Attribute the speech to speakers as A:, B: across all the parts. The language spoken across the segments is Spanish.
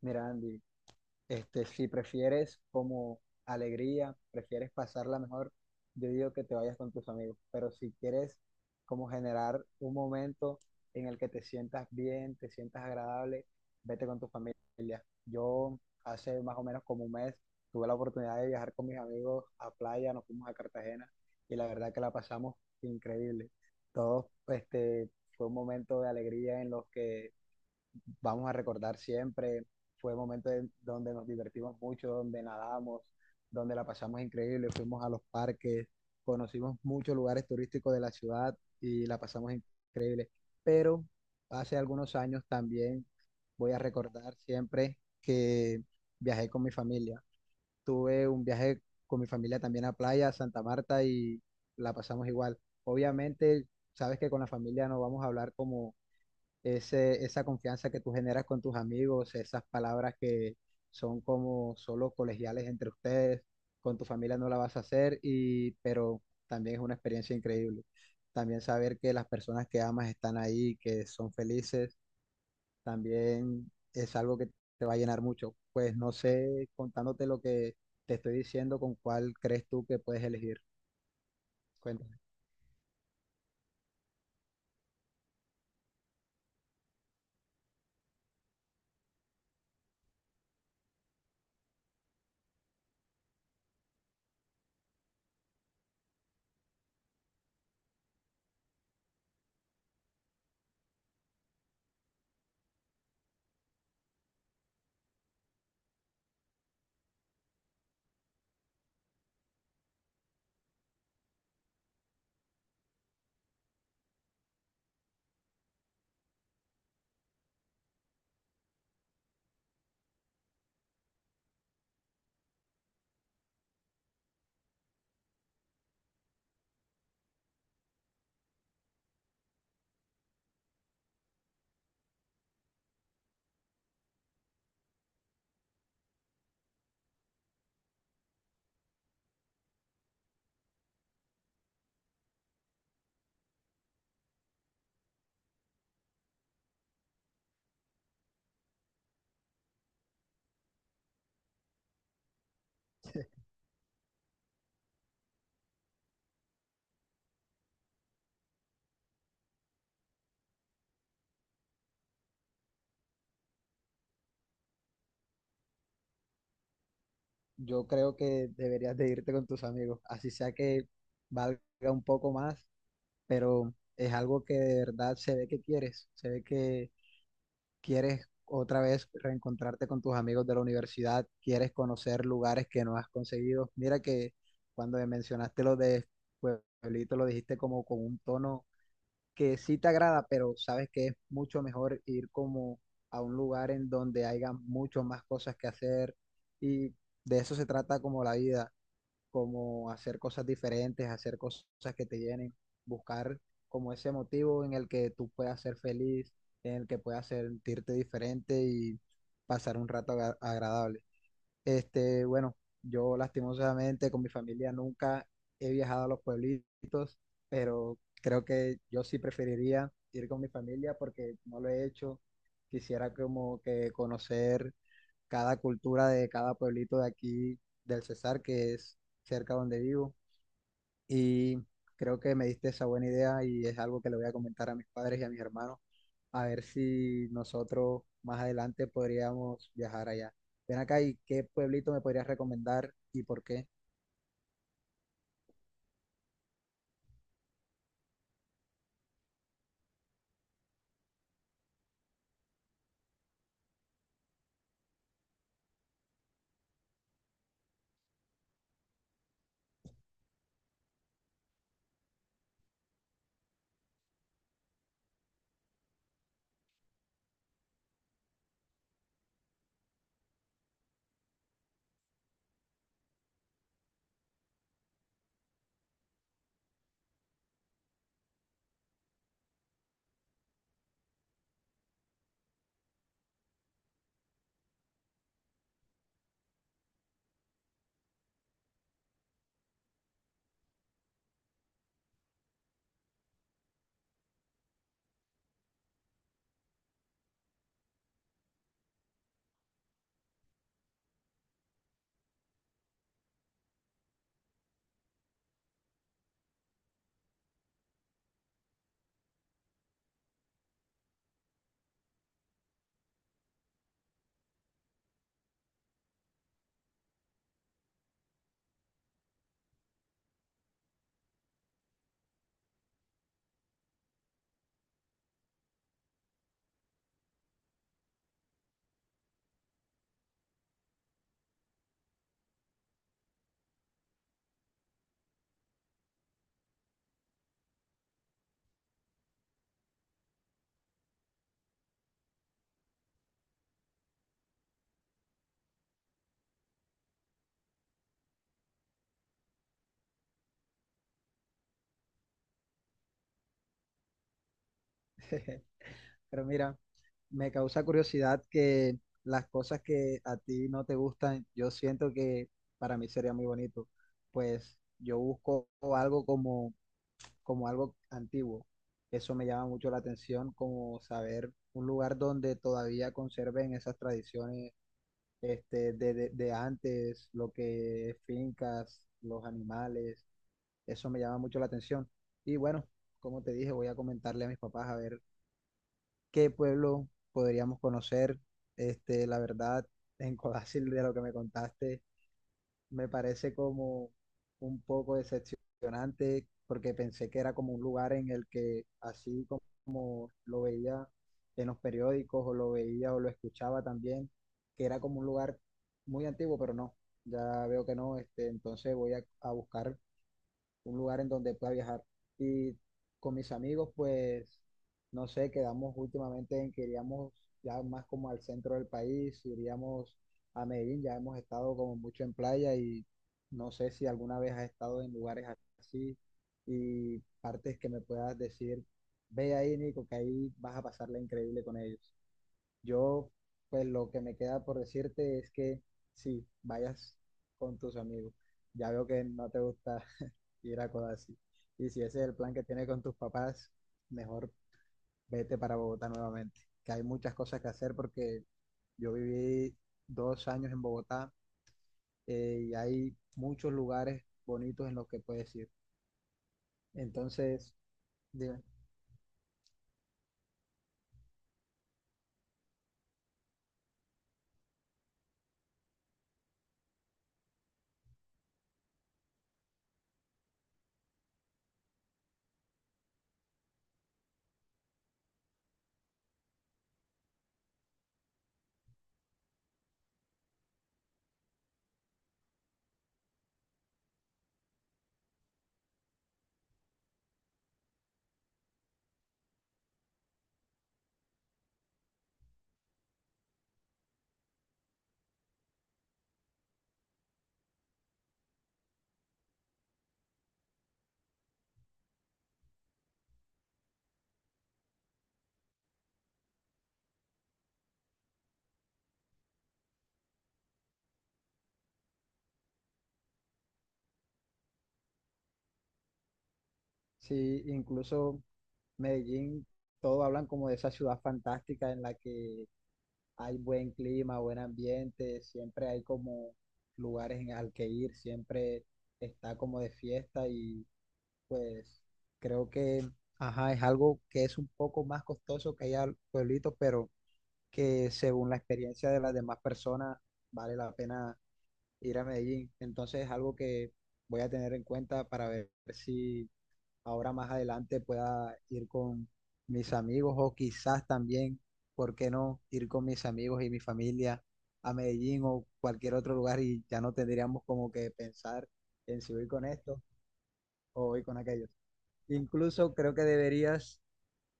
A: Mira, Andy, si prefieres como alegría, prefieres pasarla mejor, yo digo que te vayas con tus amigos, pero si quieres como generar un momento en el que te sientas bien, te sientas agradable, vete con tu familia. Yo hace más o menos como un mes tuve la oportunidad de viajar con mis amigos a playa, nos fuimos a Cartagena y la verdad que la pasamos increíble. Todos, fue un momento de alegría en los que vamos a recordar siempre. Fue un momento de- Donde nos divertimos mucho, donde nadamos, donde la pasamos increíble, fuimos a los parques, conocimos muchos lugares turísticos de la ciudad y la pasamos increíble. Pero hace algunos años también voy a recordar siempre que viajé con mi familia. Tuve un viaje con mi familia también a playa, a Santa Marta y la pasamos igual. Obviamente, sabes que con la familia no vamos a hablar como esa confianza que tú generas con tus amigos, esas palabras que son como solo colegiales entre ustedes, con tu familia no la vas a hacer, y, pero también es una experiencia increíble. También saber que las personas que amas están ahí, que son felices, también es algo que te va a llenar mucho. Pues no sé, contándote lo que te estoy diciendo, con cuál crees tú que puedes elegir. Cuéntame. Yo creo que deberías de irte con tus amigos, así sea que valga un poco más, pero es algo que de verdad se ve que quieres, se ve que quieres otra vez reencontrarte con tus amigos de la universidad, quieres conocer lugares que no has conseguido. Mira que cuando me mencionaste lo de Pueblito, lo dijiste como con un tono que sí te agrada, pero sabes que es mucho mejor ir como a un lugar en donde haya mucho más cosas que hacer y de eso se trata como la vida como hacer cosas diferentes, hacer cosas que te llenen, buscar como ese motivo en el que tú puedas ser feliz, en el que puedas sentirte diferente y pasar un rato agradable. Bueno, yo lastimosamente con mi familia nunca he viajado a los pueblitos, pero creo que yo sí preferiría ir con mi familia porque no lo he hecho. Quisiera como que conocer cada cultura de cada pueblito de aquí del Cesar, que es cerca donde vivo. Y creo que me diste esa buena idea y es algo que le voy a comentar a mis padres y a mis hermanos, a ver si nosotros más adelante podríamos viajar allá. Ven acá y qué pueblito me podrías recomendar y por qué. Pero mira, me causa curiosidad que las cosas que a ti no te gustan, yo siento que para mí sería muy bonito. Pues yo busco algo como como algo antiguo. Eso me llama mucho la atención, como saber un lugar donde todavía conserven esas tradiciones de antes, lo que es fincas, los animales, eso me llama mucho la atención. Y bueno, como te dije, voy a comentarle a mis papás a ver qué pueblo podríamos conocer. La verdad, en Codácil, de lo que me contaste me parece como un poco decepcionante porque pensé que era como un lugar en el que así como lo veía en los periódicos o lo veía o lo escuchaba también, que era como un lugar muy antiguo, pero no, ya veo que no, entonces voy a buscar un lugar en donde pueda viajar. Y con mis amigos, pues, no sé, quedamos últimamente en que iríamos ya más como al centro del país, iríamos a Medellín, ya hemos estado como mucho en playa y no sé si alguna vez has estado en lugares así y partes que me puedas decir, ve ahí, Nico, que ahí vas a pasarla increíble con ellos. Yo, pues, lo que me queda por decirte es que sí, vayas con tus amigos. Ya veo que no te gusta ir a Codazzi. Y si ese es el plan que tienes con tus papás, mejor vete para Bogotá nuevamente, que hay muchas cosas que hacer porque yo viví 2 años en Bogotá y hay muchos lugares bonitos en los que puedes ir. Entonces, dime, sí, incluso Medellín, todos hablan como de esa ciudad fantástica en la que hay buen clima, buen ambiente, siempre hay como lugares en, al que ir, siempre está como de fiesta y pues creo que, ajá, es algo que es un poco más costoso que allá en pueblitos, pero que según la experiencia de las demás personas vale la pena ir a Medellín. Entonces es algo que voy a tener en cuenta para ver si ahora más adelante pueda ir con mis amigos o quizás también, ¿por qué no ir con mis amigos y mi familia a Medellín o cualquier otro lugar y ya no tendríamos como que pensar en si voy con esto o voy con aquello? Incluso creo que deberías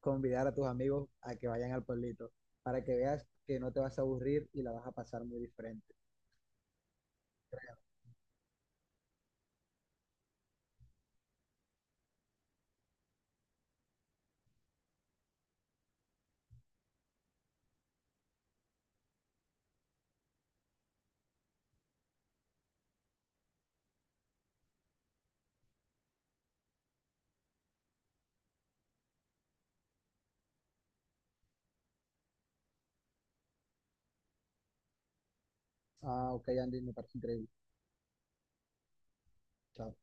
A: convidar a tus amigos a que vayan al pueblito para que veas que no te vas a aburrir y la vas a pasar muy diferente. Ah, ok, Andy, me parece increíble. Chao.